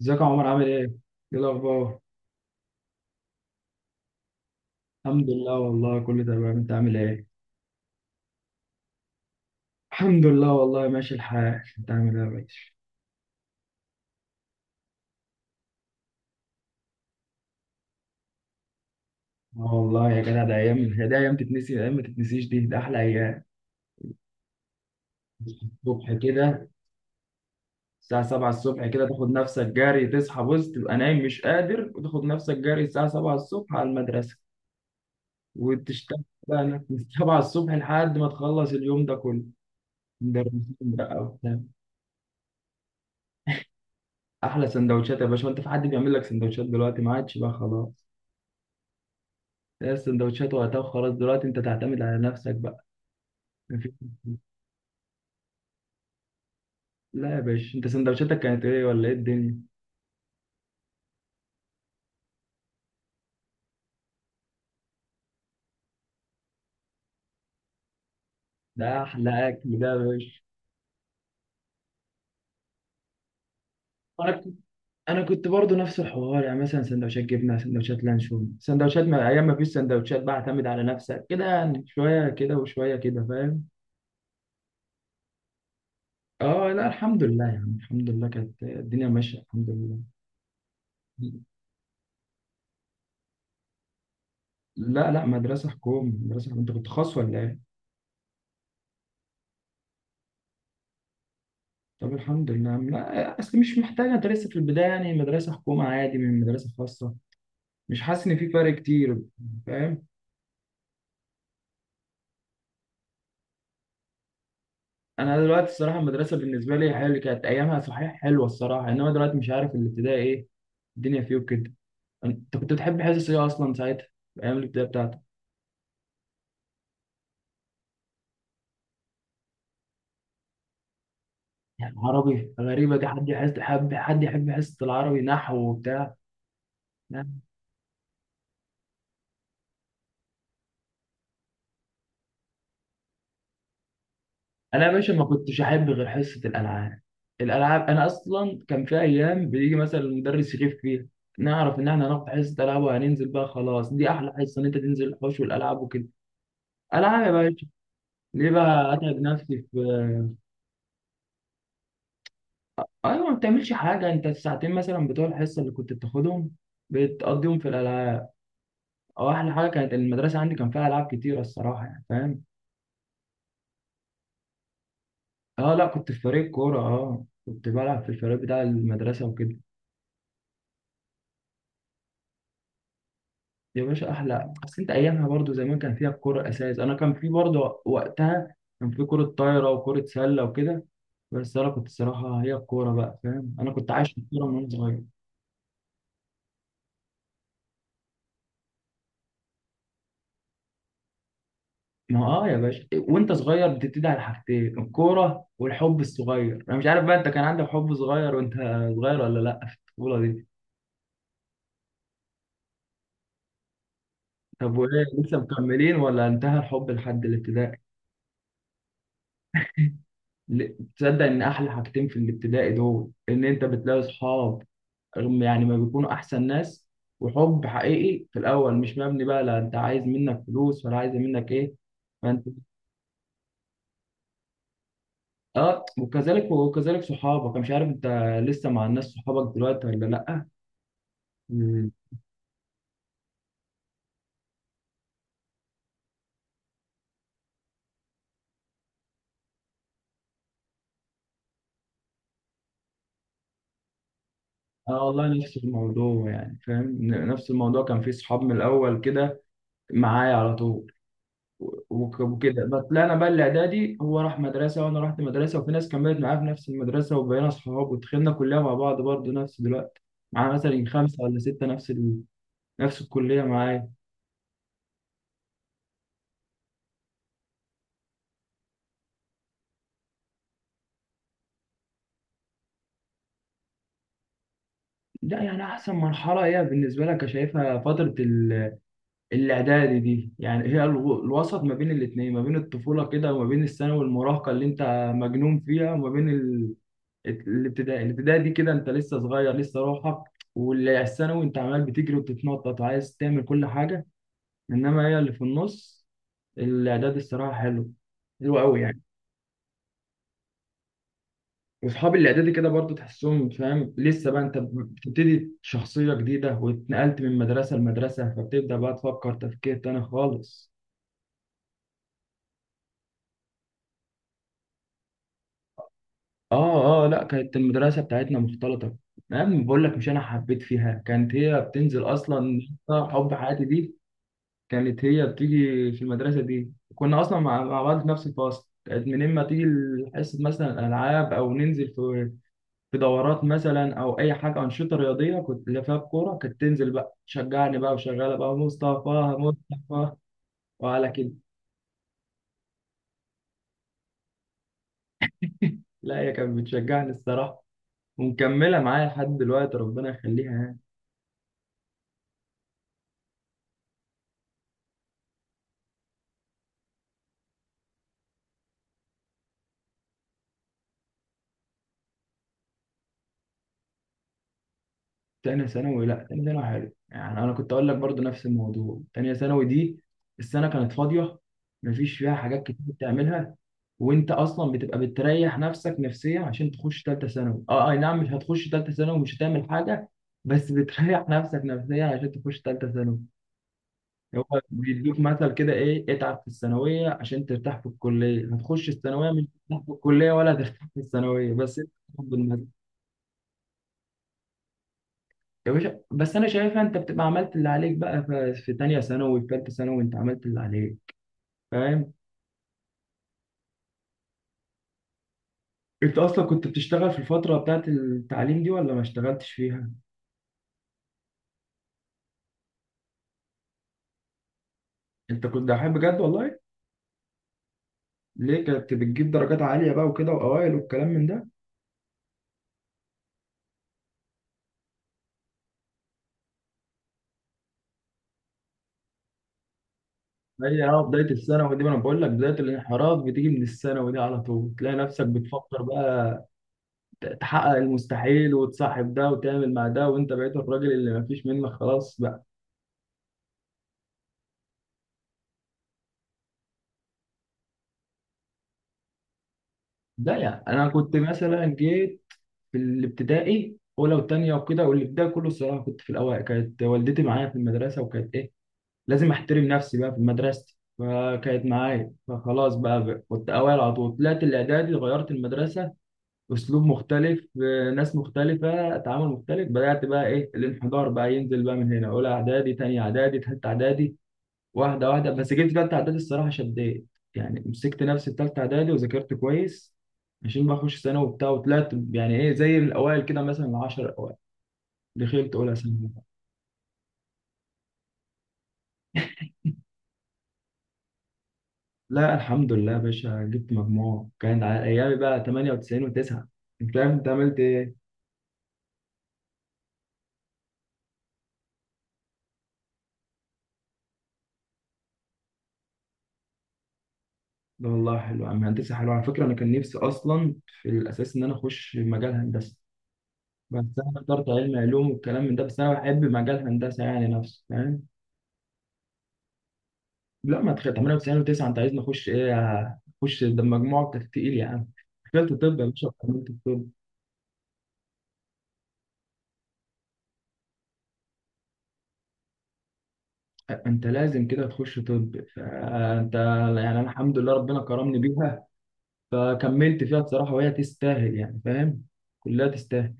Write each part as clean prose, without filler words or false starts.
ازيك يا عمر عامل ايه؟ ايه الاخبار؟ الحمد لله والله كله تمام انت عامل ايه؟ الحمد لله والله ماشي الحال انت عامل ايه يا باشا؟ اه والله يا جدع ده ايام، هي ده ايام تتنسي؟ ايام ما تتنسيش دي، ده احلى ايام. الصبح كده الساعة 7 الصبح كده تاخد نفسك جري، تصحى بص تبقى نايم مش قادر وتاخد نفسك جري الساعة 7 الصبح على المدرسة، وتشتغل بقى هناك من 7 الصبح لحد ما تخلص اليوم ده كله. مدرسين بقى وبتاع. احلى سندوتشات يا باشا، وانت في حد بيعمل لك سندوتشات دلوقتي؟ ما عادش بقى خلاص. هي السندوتشات وقتها وخلاص، دلوقتي انت تعتمد على نفسك بقى. مفيش- لا يا باشا، انت سندوتشاتك كانت ايه ولا ايه الدنيا؟ ده احلى اكل ده يا باشا. انا كنت انا كنت برضه نفس الحوار، يعني مثلا سندوتشات جبنه، سندوتشات لانشون، سندوتشات، ما ايام ما فيش سندوتشات بقى اعتمد على نفسك كده، يعني شويه كده وشويه كده، فاهم. اه لا الحمد لله، يعني الحمد لله كانت الدنيا ماشيه الحمد لله. لا لا، مدرسه حكومي مدرسه حكومي. انت كنت خاص ولا ايه؟ طب الحمد لله. لا اصل مش محتاجه، انت لسه في البدايه، يعني مدرسه حكومه عادي من مدرسه خاصه، مش حاسس ان في فرق كتير، فاهم. انا دلوقتي الصراحه المدرسه بالنسبه لي حلوه، كانت ايامها صحيح حلوه الصراحه، انما دلوقتي مش عارف الابتدائي ايه الدنيا فيه وكده. انت كنت بتحب حصص ايه اصلا ساعتها، في ايام الابتدائي بتاعتك؟ يعني عربي غريبه دي، حد يحس حب، حد يحب حصه العربي نحو وبتاع؟ انا يا باشا ما كنتش احب غير حصه الالعاب. الالعاب، انا اصلا كان في ايام بيجي مثلا المدرس يغيب فيها، نعرف ان احنا هناخد حصه العاب وهننزل بقى، خلاص دي احلى حصه ان انت تنزل الحوش والالعاب وكده. العاب يا باشا. ليه بقى اتعب نفسي في؟ ايوه ما بتعملش حاجه انت، الساعتين مثلا بتوع الحصه اللي كنت بتاخدهم بتقضيهم في الالعاب. اه احلى حاجه، كانت المدرسه عندي كان فيها العاب كتيره الصراحه، يعني فاهم. اه لا، كنت في فريق كوره، اه كنت بلعب في الفريق بتاع المدرسه وكده. يا باشا احلى، اصل انت ايامها برضو زمان كان فيها الكوره اساس، انا كان في برضو وقتها كان في كوره طايره وكوره سله وكده، بس انا كنت صراحه هي الكوره بقى، فاهم انا كنت عايش في الكوره من وانا صغير. ما هو اه يا باشا، وانت صغير بتبتدي على حاجتين: الكوره والحب الصغير. انا مش عارف بقى، انت كان عندك حب صغير وانت صغير ولا لا في الطفوله دي؟ طب وايه، لسه مكملين ولا انتهى الحب لحد الابتدائي؟ ل- تصدق ان احلى حاجتين في الابتدائي دول، ان انت بتلاقي اصحاب هم يعني ما بيكونوا احسن ناس، وحب حقيقي في الاول مش مبني بقى لا انت عايز منك فلوس ولا عايز منك ايه، فانت. اه وكذلك وكذلك صحابك، أنا مش عارف انت لسه مع الناس صحابك دلوقتي ولا لا. مم. اه والله نفس الموضوع، يعني فاهم، نفس الموضوع كان في صحاب من الاول كده معايا على طول وكده. بس لا انا بقى الاعدادي هو راح مدرسه وانا رحت مدرسه، وفي ناس كملت معايا في نفس المدرسه وبقينا صحاب، ودخلنا كليه مع بعض برضه، نفس دلوقتي معانا مثلا خمسه ولا سته نفس نفس الكلية معايا. لا يعني أحسن مرحلة هي بالنسبة لك شايفها فترة الإعدادي دي، يعني هي الوسط ما بين الاتنين، ما بين الطفولة كده وما بين الثانوي والمراهقة اللي أنت مجنون فيها، وما بين الابتدائي. الابتدائي دي كده أنت لسه صغير لسه روحك، والثانوي أنت عمال بتجري وبتتنطط وعايز تعمل كل حاجة، إنما هي اللي في النص، الإعدادي الصراحة حلو، حلو أوي يعني. واصحاب الاعدادي كده برضو تحسهم، فاهم لسه بقى انت بتبتدي شخصيه جديده، واتنقلت من مدرسه لمدرسه فبتبدا بقى تفكر تفكير تاني خالص. اه اه لا، كانت المدرسه بتاعتنا مختلطه. انا بقول لك، مش انا حبيت فيها كانت هي بتنزل اصلا، حب حياتي دي كانت هي بتيجي في المدرسه دي، كنا اصلا مع بعض في نفس الفصل، كانت من اما تيجي حصه مثلا العاب او ننزل في في دورات مثلا او اي حاجه انشطه رياضيه، كنت اللي فيها الكوره، كانت تنزل بقى تشجعني بقى وشغاله بقى: مصطفى، مصطفى، وعلى كده. لا هي كانت بتشجعني الصراحه، ومكمله معايا لحد دلوقتي، ربنا يخليها يعني. تانية ثانوي، لا تانية ثانوي حلو، يعني انا كنت اقول لك برضو نفس الموضوع، تانية ثانوي دي السنة كانت فاضية، مفيش فيها حاجات كتير بتعملها، وانت اصلا بتبقى بتريح نفسك نفسيا عشان تخش تالتة ثانوي. اه اي نعم، مش هتخش تالتة ثانوي ومش هتعمل حاجة، بس بتريح نفسك نفسيا عشان تخش تالتة ثانوي. هو بيدوك مثل كده: ايه، اتعب في الثانوية عشان ترتاح في الكلية؟ هتخش الثانوية مش هترتاح في الكلية، ولا هترتاح في الثانوية بس. يا باشا بس انا شايفها انت بتبقى عملت اللي عليك بقى، في تانية ثانوي في تالتة ثانوي انت عملت اللي عليك، فاهم. انت اصلا كنت بتشتغل في الفترة بتاعت التعليم دي ولا ما اشتغلتش فيها؟ انت كنت دحيح بجد والله؟ ليه كنت بتجيب درجات عالية بقى وكده، واوائل والكلام من ده؟ هي اه بداية الثانوي دي، ما انا بقول لك بداية الانحراف بتيجي من الثانوي دي، على طول تلاقي نفسك بتفكر بقى تحقق المستحيل، وتصاحب ده وتعمل مع ده، وانت بقيت الراجل اللي ما فيش منك خلاص بقى. ده يعني انا كنت مثلا جيت في الابتدائي اولى وثانيه وكده، والابتدائي كله الصراحه كنت في الاوائل، كانت والدتي معايا في المدرسه وكانت ايه لازم احترم نفسي بقى في مدرستي، فكانت معايا فخلاص بقى, بقى كنت اوائل على طول. طلعت الاعدادي غيرت المدرسه، اسلوب مختلف، ناس مختلفه، تعامل مختلف، بدات بقى ايه الانحدار بقى ينزل بقى من هنا، اولى اعدادي، ثانيه اعدادي، ثالثه اعدادي، واحدة واحدة. بس جبت تالتة إعدادي الصراحة شديت، يعني مسكت نفسي في تالتة إعدادي وذاكرت كويس عشان بقى أخش ثانوي وبتاع، وطلعت يعني إيه زي الأوائل كده مثلا العشر الأوائل، دخلت أولى ثانوي. لا الحمد لله يا باشا، جبت مجموع كان على أيامي بقى 98 و9. أنت فاهم، أنت عملت إيه؟ لا والله حلو يا عم، هندسة حلوة على فكرة، أنا كان نفسي أصلا في الأساس إن أنا أخش مجال هندسة، بس أنا اخترت علم علوم والكلام من ده، بس أنا بحب مجال هندسة يعني نفسه، فاهم. لا ما تخيل، 98 و9 انت عايزني اخش ايه؟ اخش ده مجموعك تقيل يا عم، دخلت طب يا باشا وكملت الطب. انت لازم كده تخش طب، فانت يعني انا الحمد لله ربنا كرمني بيها، فكملت فيها بصراحه وهي تستاهل يعني، فاهم كلها تستاهل.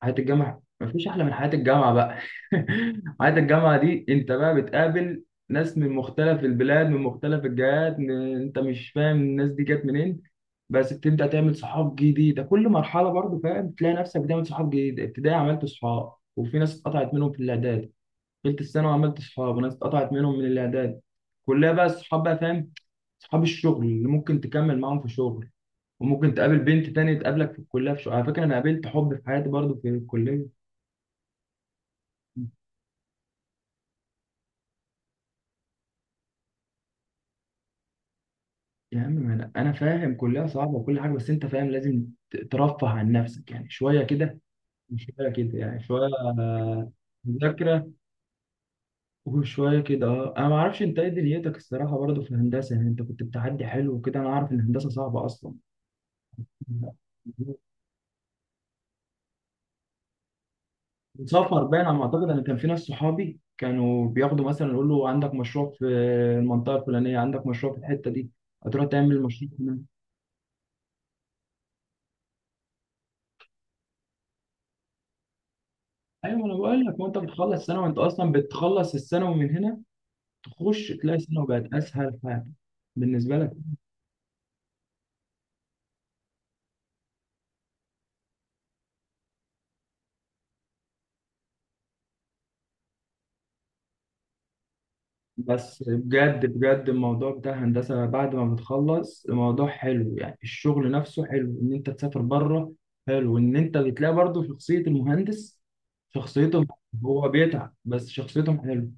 حياة الجامعة مفيش أحلى من حياة الجامعة بقى. حياة الجامعة دي أنت بقى بتقابل ناس من مختلف البلاد، من مختلف الجهات، من... أنت مش فاهم الناس دي جت منين. بس بتبدأ تعمل صحاب جديدة كل مرحلة برضو، فاهم تلاقي نفسك بتعمل صحاب جديدة، ابتدائي عملت صحاب وفي ناس اتقطعت منهم في الإعداد، تالتة ثانوي عملت صحاب وناس اتقطعت منهم من الإعداد، كلها بقى الصحاب بقى فاهم، صحاب الشغل اللي ممكن تكمل معاهم في الشغل، وممكن تقابل بنت تانية تقابلك في الكلية في شغل. على فكرة أنا قابلت حب في حياتي برضو في الكلية. يا عم ما انا أنا فاهم كلها صعبه وكل حاجه، بس انت فاهم لازم ترفه عن نفسك يعني شويه كده وشويه كده، يعني شويه آه، مذاكره وشويه كده. اه انا ما اعرفش انت ايه دنيتك الصراحه برضه في الهندسه، يعني انت كنت بتعدي حلو وكده، انا عارف ان الهندسه صعبه اصلا، سفر باين على ما اعتقد، انا كان في ناس صحابي كانوا بياخدوا مثلا، يقول له عندك مشروع في المنطقه الفلانيه، عندك مشروع في الحته دي، هتروح تعمل مشروع هنا. ايوه انا بقول لك، وانت بتخلص سنه وانت اصلا بتخلص الثانوي من هنا، تخش تلاقي السينما بقت اسهل حاجه بالنسبه لك. بس بجد بجد، الموضوع بتاع الهندسه بعد ما بتخلص الموضوع حلو يعني، الشغل نفسه حلو ان انت تسافر بره، حلو ان انت بتلاقي برضه شخصيه المهندس، شخصيتهم، هو بيتعب بس شخصيتهم حلو.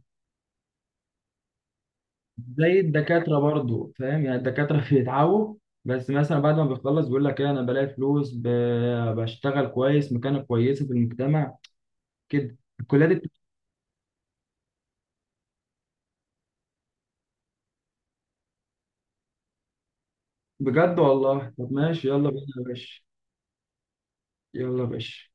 زي الدكاتره برضه فاهم، يعني الدكاتره بيتعبوا، بس مثلا بعد ما بيخلص بيقول لك ايه، انا بلاقي فلوس، بشتغل كويس، مكانه كويسه في المجتمع، كده الكليات. بجد والله، طب ماشي يلا بينا يا باشا. يلا يا باشا.